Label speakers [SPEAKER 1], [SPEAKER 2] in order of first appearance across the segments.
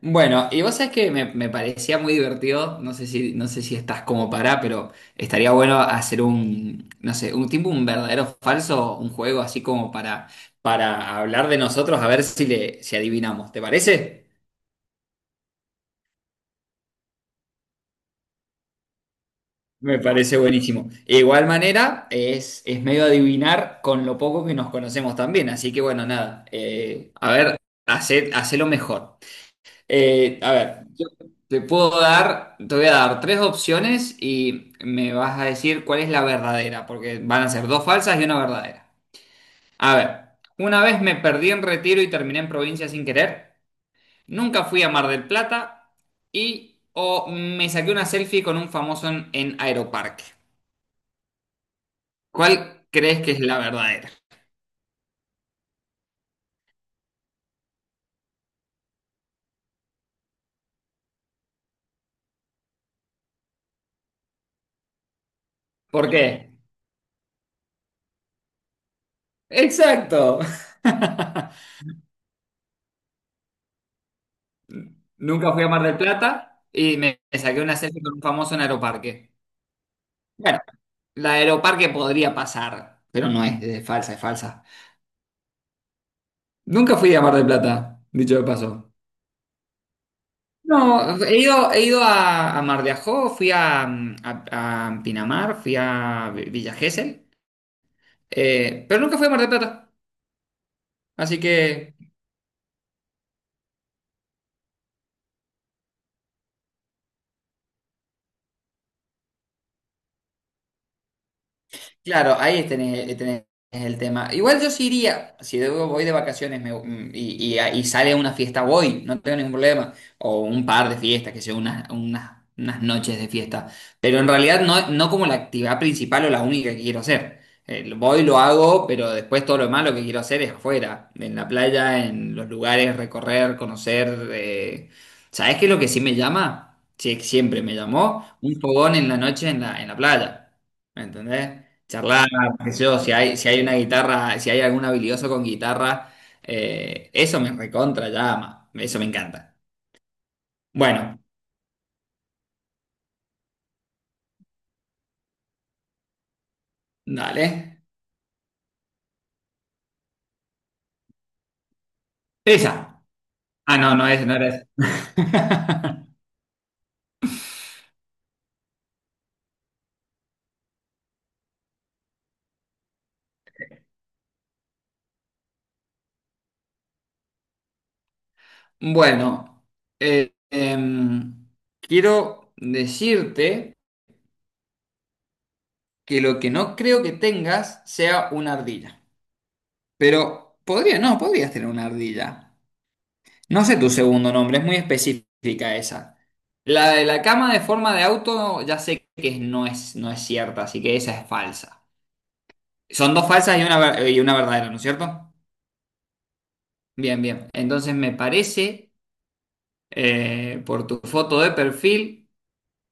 [SPEAKER 1] Bueno, y vos sabés que me parecía muy divertido, no sé si estás como para, pero estaría bueno hacer un, no sé, un tipo, un verdadero falso, un juego así como para hablar de nosotros, a ver si le, si adivinamos, ¿te parece? Me parece buenísimo. De igual manera, es medio adivinar con lo poco que nos conocemos también, así que bueno, nada, a ver, hacé lo mejor. Yo te voy a dar tres opciones y me vas a decir cuál es la verdadera, porque van a ser dos falsas y una verdadera. A ver, una vez me perdí en Retiro y terminé en provincia sin querer, nunca fui a Mar del Plata y o me saqué una selfie con un famoso en Aeroparque. ¿Cuál crees que es la verdadera? ¿Por qué? Exacto. Nunca fui a Mar del Plata y me saqué una selfie con un famoso en Aeroparque. Bueno. La de Aeroparque podría pasar, pero no es, es falsa, es falsa. Nunca fui a Mar del Plata, dicho de paso. No, he ido a Mar de Ajó, fui a, a Pinamar, fui a Villa Gesell, pero nunca fui a Mar del Plata. Así que claro, ahí tenés el tema. Igual yo sí iría, si voy de vacaciones y sale una fiesta, voy, no tengo ningún problema. O un par de fiestas, que sea unas noches de fiesta. Pero en realidad no, no como la actividad principal o la única que quiero hacer. Voy, lo hago, pero después todo lo demás lo que quiero hacer es afuera, en la playa, en los lugares, recorrer, conocer. ¿Sabés qué es lo que sí me llama? Sí, siempre me llamó un fogón en la noche en la playa. ¿Me entendés? Charlar, qué sé yo, si hay una guitarra, si hay algún habilidoso con guitarra, eso me recontra llama, eso me encanta. Bueno, dale. Esa. Ah, no era esa. Bueno, eh, em, quiero decirte que lo que no creo que tengas sea una ardilla. Pero podría, no, podrías tener una ardilla. No sé tu segundo nombre, es muy específica esa. La de la cama de forma de auto, ya sé que no es cierta, así que esa es falsa. Son dos falsas y una, y una verdadera, ¿no es cierto? Bien, bien. Entonces me parece, por tu foto de perfil,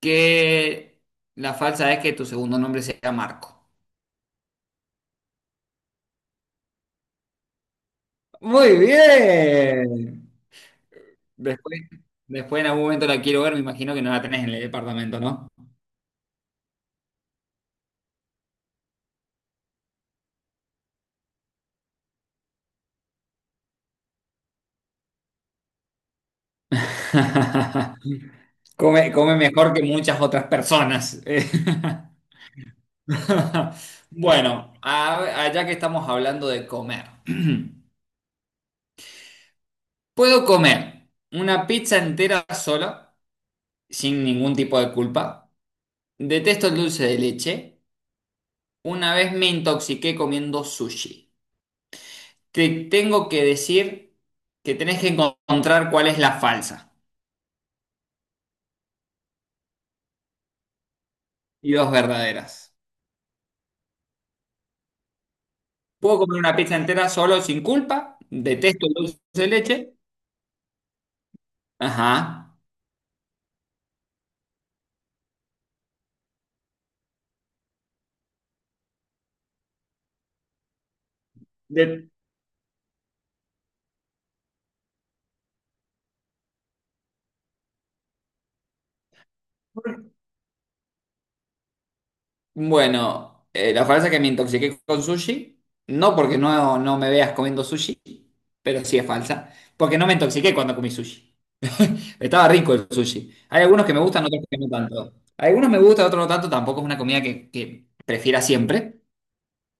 [SPEAKER 1] que la falsa es que tu segundo nombre sea Marco. Muy bien. Después, después en algún momento la quiero ver, me imagino que no la tenés en el departamento, ¿no? Come, come mejor que muchas otras personas. Bueno, allá que estamos hablando de comer. Puedo comer una pizza entera sola, sin ningún tipo de culpa. Detesto el dulce de leche. Una vez me intoxiqué comiendo sushi. Te tengo que decir que tenés que encontrar cuál es la falsa y dos verdaderas. Puedo comer una pizza entera solo sin culpa. Detesto el dulce de leche. Ajá. De- Bueno, la frase es que me intoxiqué con sushi, no porque no me veas comiendo sushi, pero sí es falsa, porque no me intoxiqué cuando comí sushi. Estaba rico el sushi. Hay algunos que me gustan, otros que no tanto. Algunos me gustan, otros no tanto, tampoco es una comida que prefiera siempre,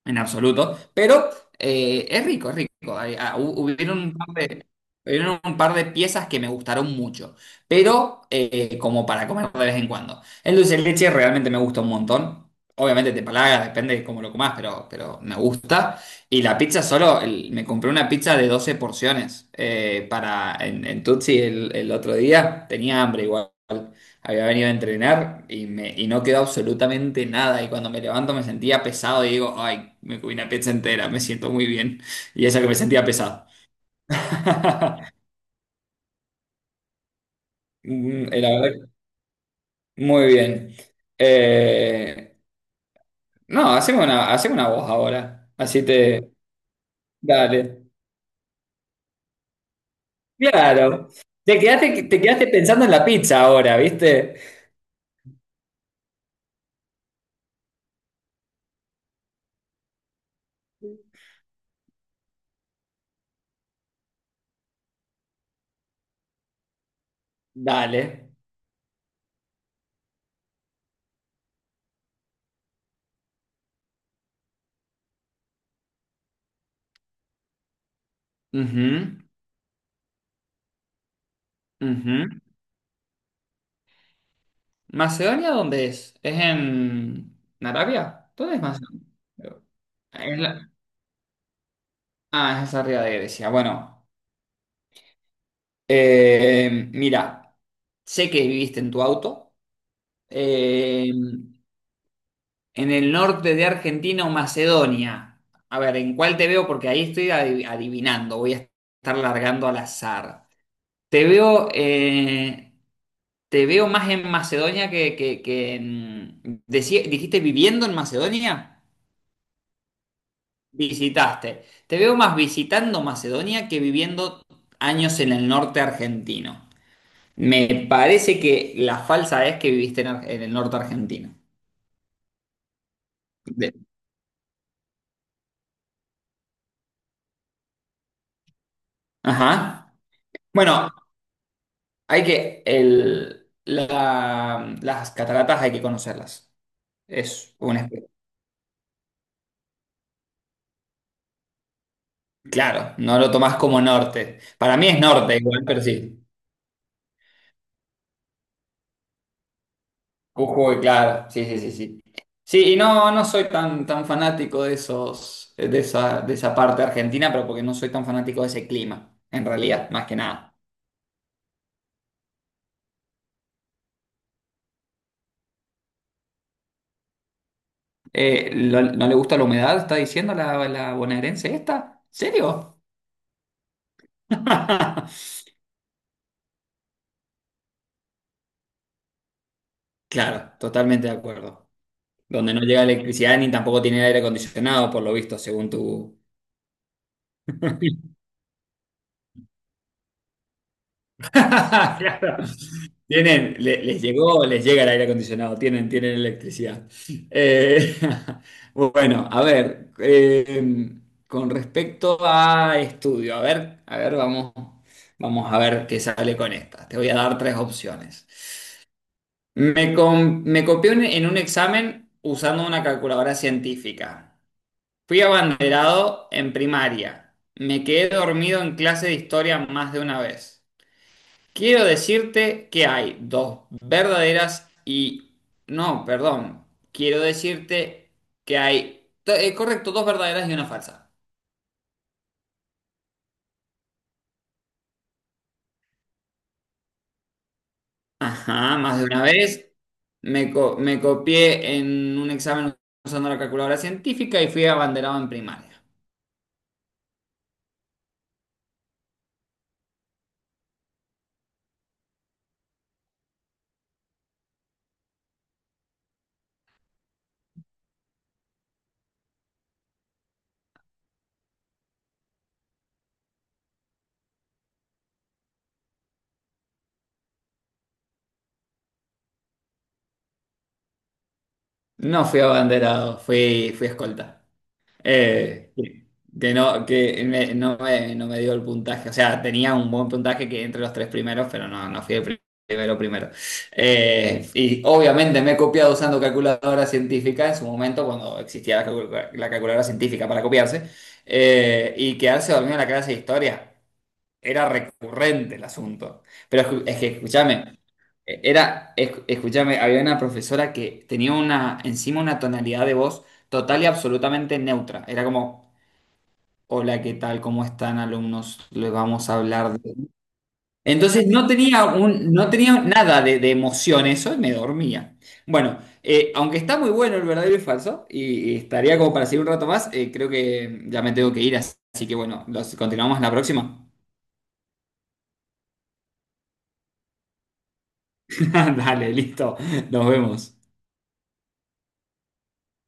[SPEAKER 1] en absoluto, pero es rico, es rico. Hubieron un par de, hubieron un par de piezas que me gustaron mucho, pero como para comer de vez en cuando. El dulce de leche realmente me gusta un montón. Obviamente te palaga, depende de cómo lo comas, pero me gusta. Y la pizza solo, me compré una pizza de 12 porciones para, en Tutsi el otro día. Tenía hambre igual. Había venido a entrenar y no quedó absolutamente nada. Y cuando me levanto me sentía pesado y digo, ay, me comí una pizza entera, me siento muy bien. Y eso que me sentía pesado. Mm, la verdad, que muy bien. Eh, no, hacemos una voz ahora. Así te... Dale. Claro. Te quedaste pensando en la pizza ahora, ¿viste? Dale. Ujú, ujú. ¿Macedonia dónde es? ¿Es en Arabia? ¿Dónde es Macedonia? Es la- Ah, es arriba de Grecia. Bueno, mira, sé que viviste en tu auto. Eh, en el norte de Argentina o Macedonia. A ver, ¿en cuál te veo? Porque ahí estoy adivinando. Voy a estar largando al azar. Te veo, eh, te veo más en Macedonia que en... ¿Dijiste viviendo en Macedonia? Visitaste. Te veo más visitando Macedonia que viviendo años en el norte argentino. Me parece que la falsa es que viviste en, en el norte argentino. De- Ajá. Bueno, hay que... las cataratas hay que conocerlas. Es una... Claro, no lo tomás como norte. Para mí es norte igual, pero sí. Jujuy, claro, sí, sí, sí, sí. Sí, y no, tan fanático de esos, de esa parte argentina, pero porque no soy tan fanático de ese clima, en realidad, más que nada. ¿No le gusta la humedad? ¿Está diciendo la bonaerense esta? ¿Serio? Claro, totalmente de acuerdo. Donde no llega electricidad ni tampoco tiene aire acondicionado, por lo visto, según tu, claro. Tienen, les llegó, les llega el aire acondicionado, tienen, tienen electricidad. Eh, bueno, a ver, con respecto a estudio, vamos a ver qué sale con esta. Te voy a dar tres opciones. Me copié en un examen usando una calculadora científica. Fui abanderado en primaria. Me quedé dormido en clase de historia más de una vez. Quiero decirte que hay dos verdaderas y... No, perdón. Quiero decirte que hay... correcto, dos verdaderas y una falsa. Ajá, más de una vez me copié en un examen usando la calculadora científica y fui abanderado en primaria. No fui abanderado, fui escolta. Eh, que no, no me dio el puntaje. O sea, tenía un buen puntaje que entre los tres primeros, pero no, no fui el primero primero. Y obviamente me he copiado usando calculadora científica en su momento, cuando existía la calculadora científica para copiarse, y quedarse dormido en la clase de historia era recurrente el asunto. Pero es que, escúchame, escúchame, había una profesora que tenía una, encima una tonalidad de voz total y absolutamente neutra. Era como, hola, ¿qué tal? ¿Cómo están, alumnos? Les vamos a hablar de... Entonces no tenía nada de, de emoción eso y me dormía. Bueno, aunque está muy bueno el verdadero y falso, y estaría como para seguir un rato más, creo que ya me tengo que ir, así que bueno, los, continuamos en la próxima. Dale, listo. Nos vemos.